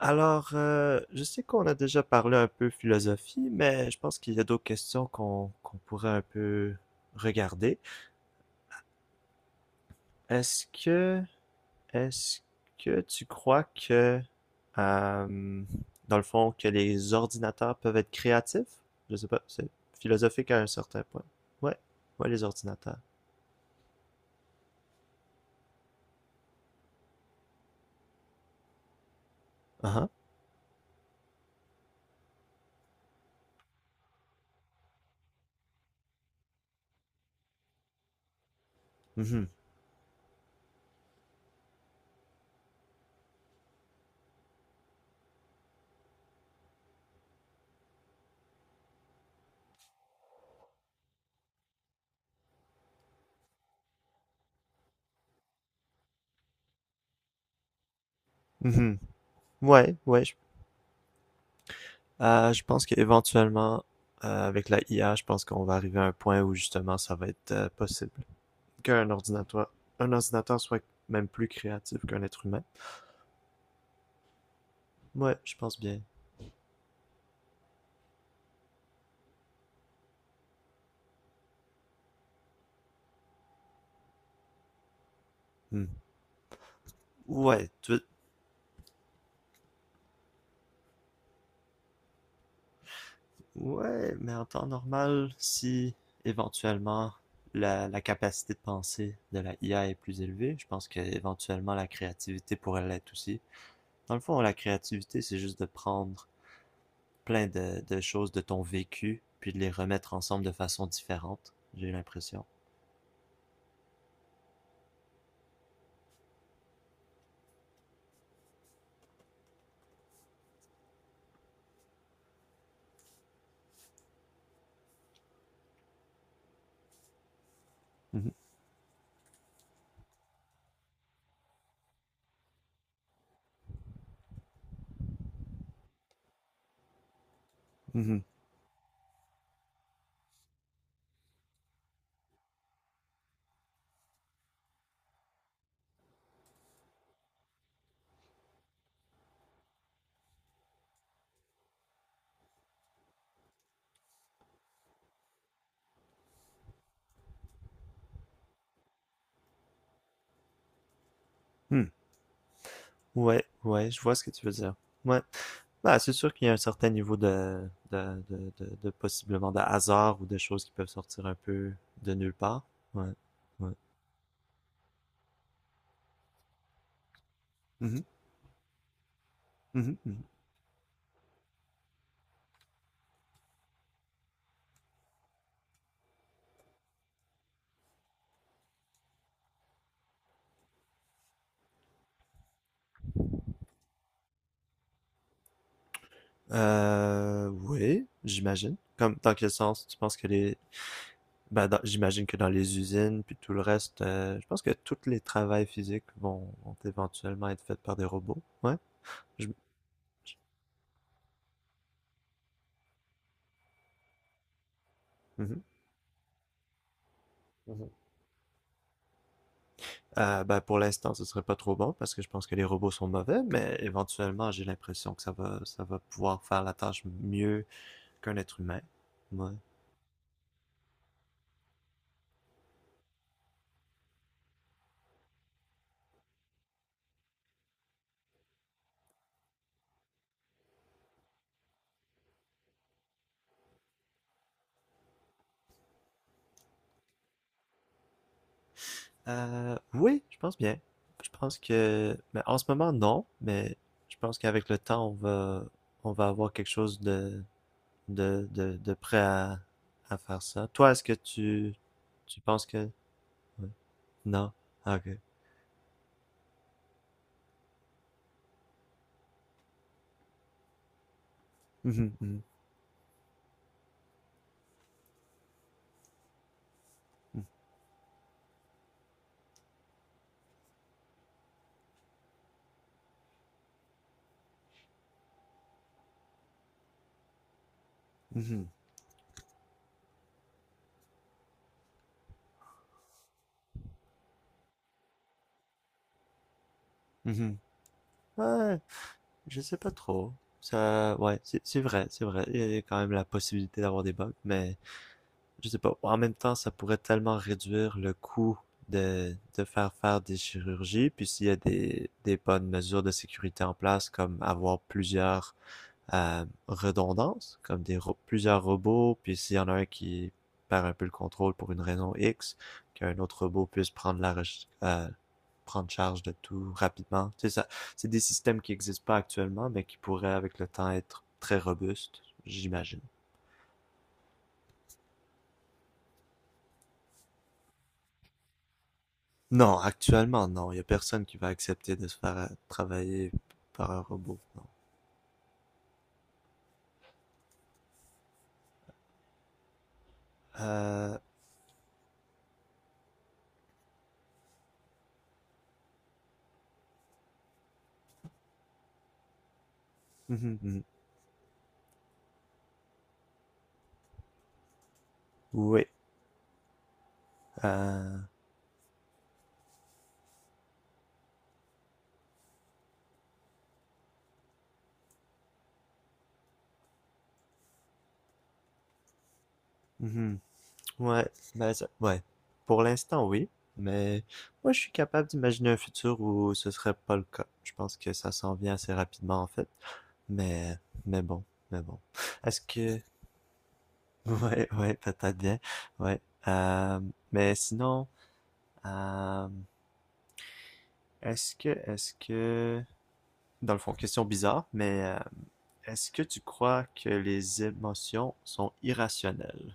Alors, je sais qu'on a déjà parlé un peu philosophie, mais je pense qu'il y a d'autres questions qu'on pourrait un peu regarder. Est-ce que est-ce que tu crois que euh, dans le fond que les ordinateurs peuvent être créatifs? Je sais pas, c'est philosophique à un certain point. Ouais, ouais les ordinateurs. Ah ah. Mhm. Mhm. Ouais, ouais. Je pense qu'éventuellement avec la IA, je pense qu'on va arriver à un point où justement ça va être possible. qu'un ordinateur, un ordinateur soit même plus créatif qu'un être humain. Ouais, je pense bien. Hmm. Ouais, tu... Ouais, mais en temps normal, si éventuellement la capacité de penser de la IA est plus élevée, je pense qu'éventuellement la créativité pourrait l'être aussi. Dans le fond, la créativité, c'est juste de prendre plein de choses de ton vécu, puis de les remettre ensemble de façon différente, j'ai l'impression. Mhm. Mhm. Hmm. Ouais, ouais, je vois ce que tu veux dire. Ouais. Bah, c'est sûr qu'il y a un certain niveau de possiblement de hasard ou de choses qui peuvent sortir un peu de nulle part. Ouais, ouais. Mhm, mhm, mhm. Oui, j'imagine. Comme, dans quel sens tu penses que les... Ben, j'imagine que dans les usines, puis tout le reste, je pense que tous les travails physiques vont éventuellement être faits par des robots. Ouais. Je- mhm. Ben, pour l'instant, ce serait pas trop bon parce que je pense que les robots sont mauvais, mais éventuellement, j'ai l'impression que ça va pouvoir faire la tâche mieux qu'un être humain. Ouais. Oui, je pense bien. Je pense que, mais en ce moment, non, mais je pense qu'avec le temps, on va avoir quelque chose de prêt à faire ça. Toi, tu penses que, ouais. Non? Ah, ok. Mhm, mhm, mhm, mhm, mhm. Ouais, je sais pas trop. Ça, ouais, c'est vrai, c'est vrai. Il y a quand même la possibilité d'avoir des bugs, mais je sais pas. En même temps, ça pourrait tellement réduire le coût de faire faire des chirurgies. Puis s'il y a des bonnes mesures de sécurité en place, comme avoir plusieurs à redondance, comme plusieurs robots, puis s'il y en a un qui perd un peu le contrôle pour une raison X, qu'un autre robot puisse prendre charge de tout rapidement. C'est ça. C'est des systèmes qui n'existent pas actuellement, mais qui pourraient avec le temps être très robustes, j'imagine. Non, actuellement, non. Il n'y a personne qui va accepter de se faire travailler par un robot. Non. Euh... mhm, mhm. Oui. Euh... mhm. Ouais, ouais. Pour l'instant, oui, mais moi, je suis capable d'imaginer un futur où ce serait pas le cas. Je pense que ça s'en vient assez rapidement, en fait. Mais, mais bon, mais bon. Est-ce que, ouais, ouais, peut-être bien, ouais. Euh, mais sinon, euh, est-ce que, dans le fond, question bizarre, mais est-ce que tu crois que les émotions sont irrationnelles?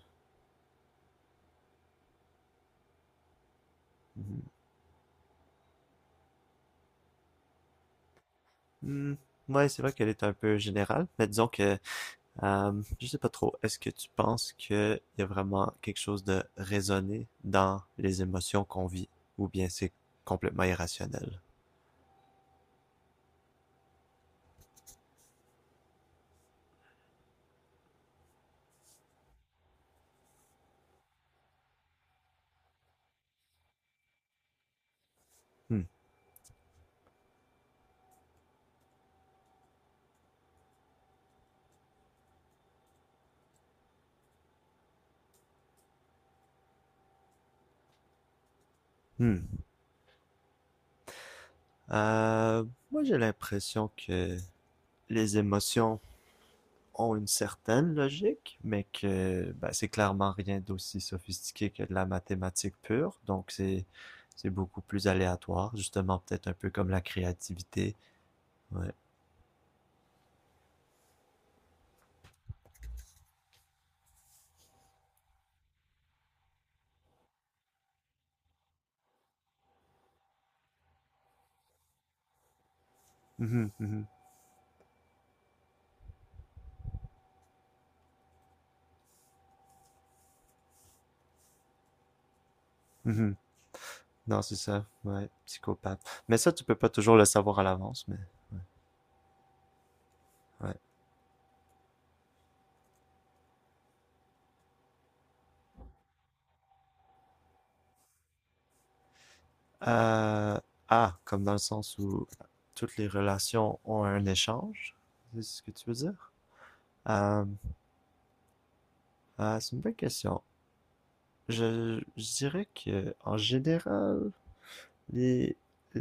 Hmm. Hmm. Ouais, c'est vrai qu'elle est un peu générale, mais disons que euh, je sais pas trop. Est-ce que tu penses qu'il y a vraiment quelque chose de raisonné dans les émotions qu'on vit, ou bien c'est complètement irrationnel? Hmm. Hmm. Euh, moi, j'ai l'impression que les émotions ont une certaine logique, mais que ben, c'est clairement rien d'aussi sophistiqué que de la mathématique pure. Donc, c'est beaucoup plus aléatoire, justement, peut-être un peu comme la créativité. Ouais. Mhm, mhm, mhm. Non, c'est ça. Ouais, psychopathe. Mais ça, tu peux pas toujours le savoir à l'avance, mais ouais. Ouais. Euh, ah, comme dans le sens où toutes les relations ont un échange. C'est ce que tu veux dire? Euh, ah, c'est une bonne question. Je dirais que en général, les,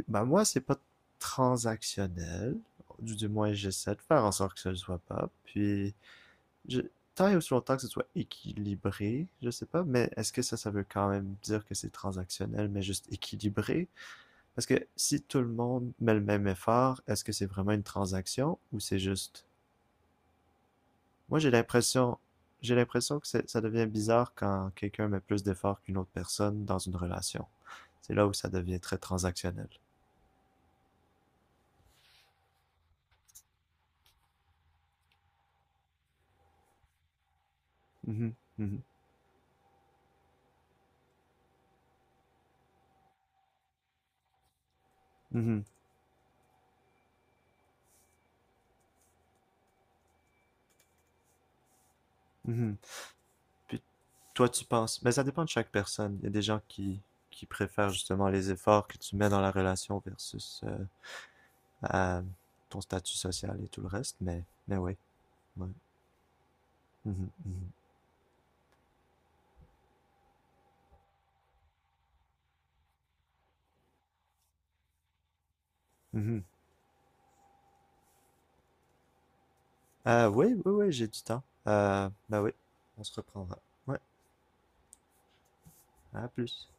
bah moi, c'est pas transactionnel. Du moins, j'essaie de faire en sorte que ce ne le soit pas. Puis, je... Tant et aussi longtemps que ce soit équilibré, je sais pas, mais est-ce que ça veut quand même dire que c'est transactionnel, mais juste équilibré? Parce que si tout le monde met le même effort, est-ce que c'est vraiment une transaction ou c'est juste... Moi, j'ai l'impression, j'ai l'impression que ça devient bizarre quand quelqu'un met plus d'efforts qu'une autre personne dans une relation. C'est là où ça devient très transactionnel. Mhm, mhm, mhm, mhm. Puis toi, tu penses, mais ça dépend de chaque personne. Il y a des gens Qui préfèrent justement les efforts que tu mets dans la relation versus à ton statut social et tout le reste, mais oui. Ouais. Mhm, mhm, mhm. Oui, oui, oui, j'ai du temps. Bah oui, on se reprendra. Ouais, à plus.